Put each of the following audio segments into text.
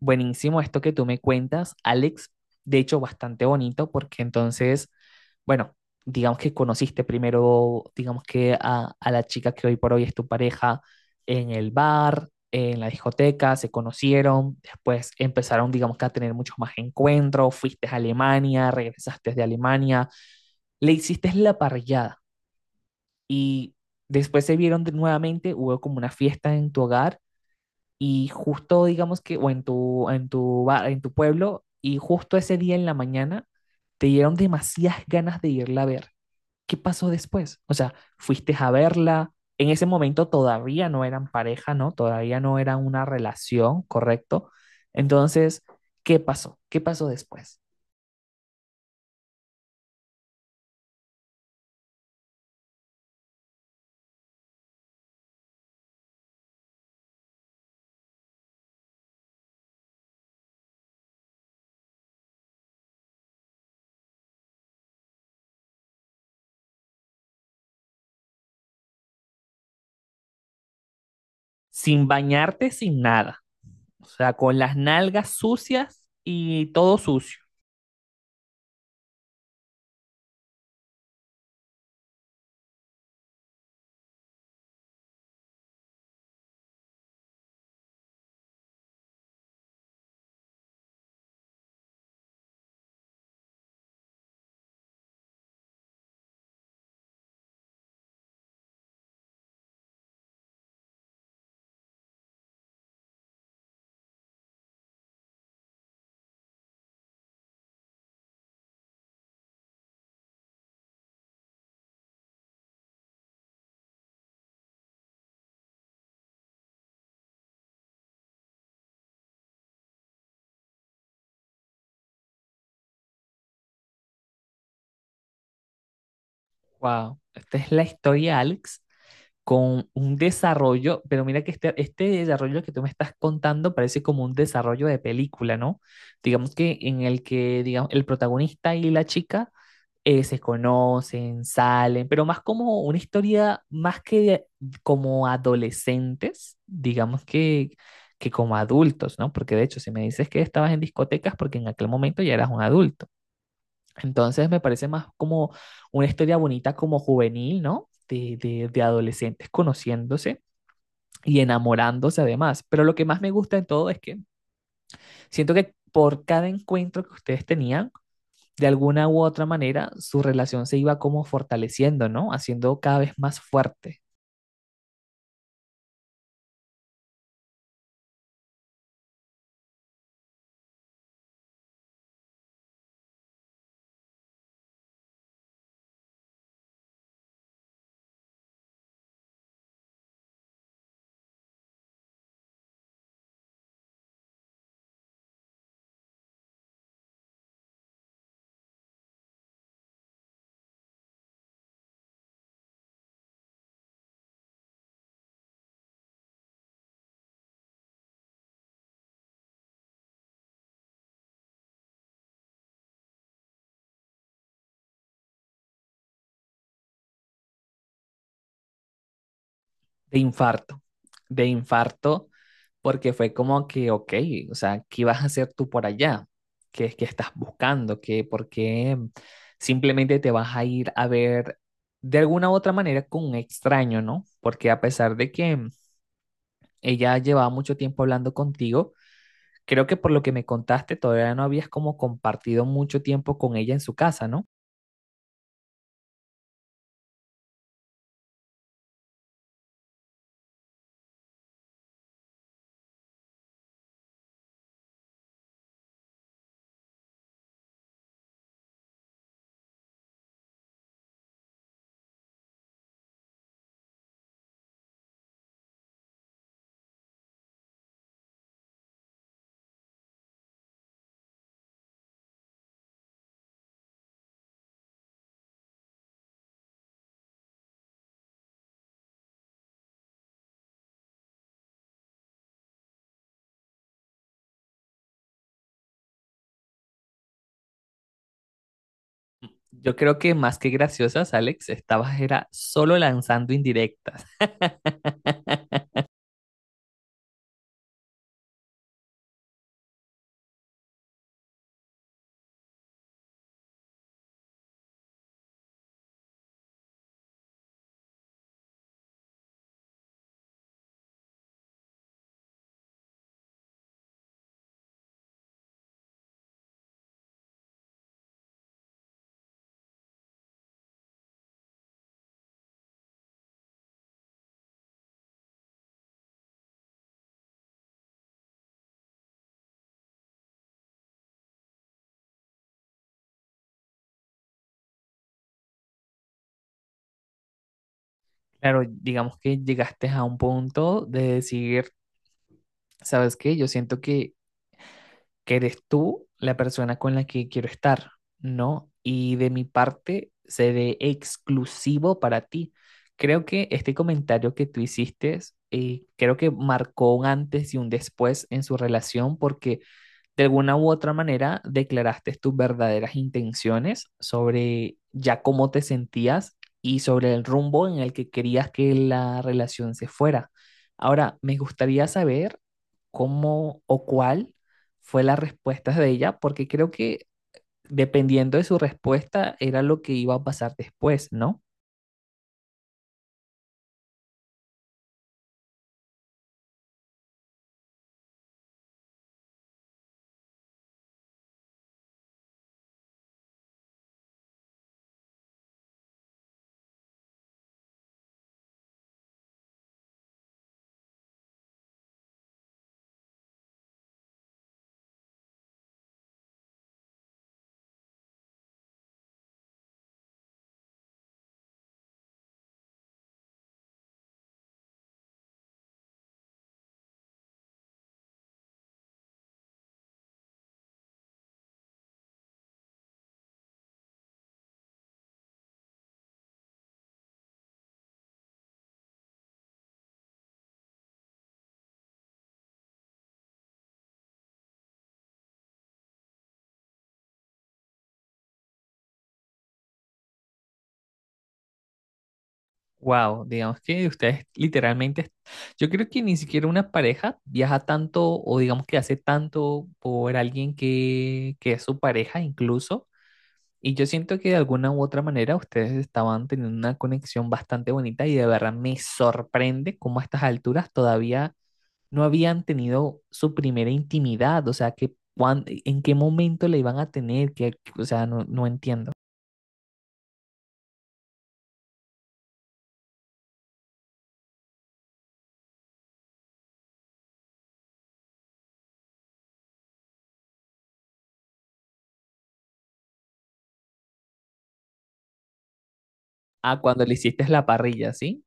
Buenísimo esto que tú me cuentas, Alex. De hecho, bastante bonito porque entonces, bueno, digamos que conociste primero, digamos que a la chica que hoy por hoy es tu pareja en el bar, en la discoteca, se conocieron, después empezaron, digamos que a tener muchos más encuentros, fuiste a Alemania, regresaste de Alemania, le hiciste la parrillada y después se vieron nuevamente, hubo como una fiesta en tu hogar y justo digamos que, o en tu pueblo, y justo ese día en la mañana te dieron demasiadas ganas de irla a ver. ¿Qué pasó después? O sea, fuiste a verla, en ese momento todavía no eran pareja, ¿no? Todavía no era una relación, ¿correcto? Entonces, ¿qué pasó? ¿Qué pasó después? Sin bañarte, sin nada. O sea, con las nalgas sucias y todo sucio. Wow, esta es la historia, Alex, con un desarrollo, pero mira que este desarrollo que tú me estás contando parece como un desarrollo de película, ¿no? Digamos que en el que, digamos, el protagonista y la chica se conocen, salen, pero más como una historia, más como adolescentes, digamos que como adultos, ¿no? Porque de hecho, si me dices que estabas en discotecas, porque en aquel momento ya eras un adulto. Entonces me parece más como una historia bonita como juvenil, ¿no? De adolescentes conociéndose y enamorándose además. Pero lo que más me gusta de todo es que siento que por cada encuentro que ustedes tenían, de alguna u otra manera, su relación se iba como fortaleciendo, ¿no? Haciendo cada vez más fuerte. De infarto, de infarto, porque fue como que, ok, o sea, ¿qué vas a hacer tú por allá? ¿Qué es que estás buscando? ¿Qué, por qué simplemente te vas a ir a ver de alguna u otra manera con un extraño, no? Porque a pesar de que ella llevaba mucho tiempo hablando contigo, creo que por lo que me contaste, todavía no habías como compartido mucho tiempo con ella en su casa, ¿no? Yo creo que más que graciosas, Alex, estabas era solo lanzando indirectas. Claro, digamos que llegaste a un punto de decir, ¿sabes qué? Yo siento que eres tú la persona con la que quiero estar, ¿no? Y de mi parte, seré exclusivo para ti. Creo que este comentario que tú hiciste, creo que marcó un antes y un después en su relación porque de alguna u otra manera declaraste tus verdaderas intenciones sobre ya cómo te sentías y sobre el rumbo en el que querías que la relación se fuera. Ahora, me gustaría saber cómo o cuál fue la respuesta de ella, porque creo que dependiendo de su respuesta era lo que iba a pasar después, ¿no? Wow, digamos que ustedes literalmente, yo creo que ni siquiera una pareja viaja tanto o digamos que hace tanto por alguien que es su pareja incluso. Y yo siento que de alguna u otra manera ustedes estaban teniendo una conexión bastante bonita y de verdad me sorprende cómo a estas alturas todavía no habían tenido su primera intimidad, o sea, que en qué momento la iban a tener, que, o sea, no, no entiendo. Ah, cuando le hiciste la parrilla, ¿sí?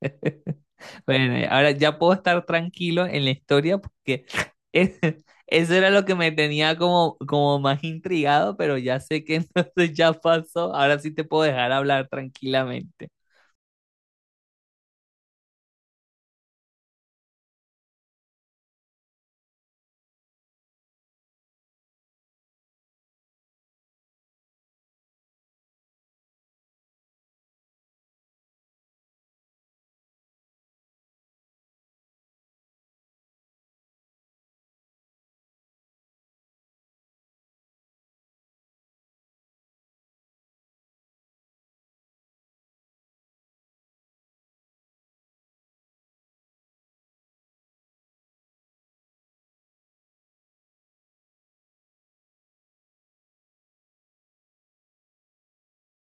Bueno, ahora ya puedo estar tranquilo en la historia porque es- eso era lo que me tenía como más intrigado, pero ya sé que entonces ya pasó. Ahora sí te puedo dejar hablar tranquilamente.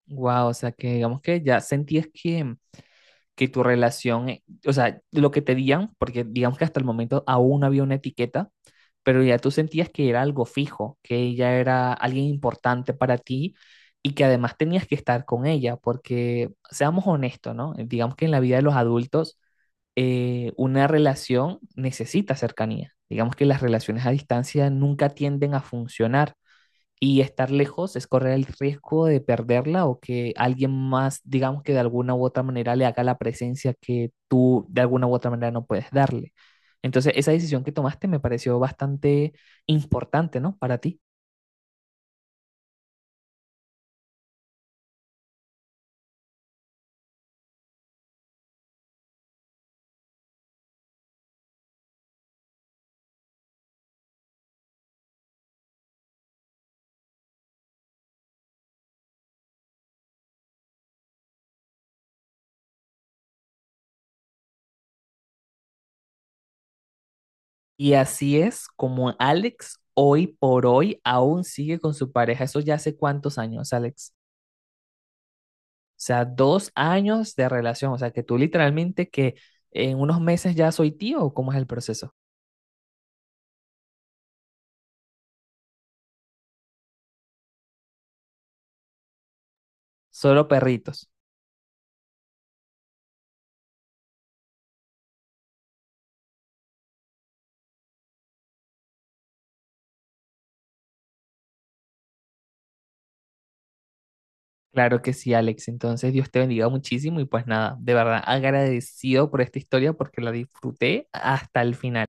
Wow, o sea que digamos que ya sentías que tu relación, o sea, lo que te digan, porque digamos que hasta el momento aún no había una etiqueta, pero ya tú sentías que era algo fijo, que ella era alguien importante para ti y que además tenías que estar con ella, porque seamos honestos, ¿no? Digamos que en la vida de los adultos una relación necesita cercanía. Digamos que las relaciones a distancia nunca tienden a funcionar. Y estar lejos es correr el riesgo de perderla o que alguien más, digamos que de alguna u otra manera le haga la presencia que tú de alguna u otra manera no puedes darle. Entonces, esa decisión que tomaste me pareció bastante importante, ¿no? Para ti. Y así es como Alex hoy por hoy aún sigue con su pareja. Eso ya hace cuántos años, Alex. O sea, 2 años de relación. O sea, que tú literalmente que en unos meses ya soy tío o cómo es el proceso. Solo perritos. Claro que sí, Alex. Entonces, Dios te bendiga muchísimo y pues nada, de verdad agradecido por esta historia porque la disfruté hasta el final.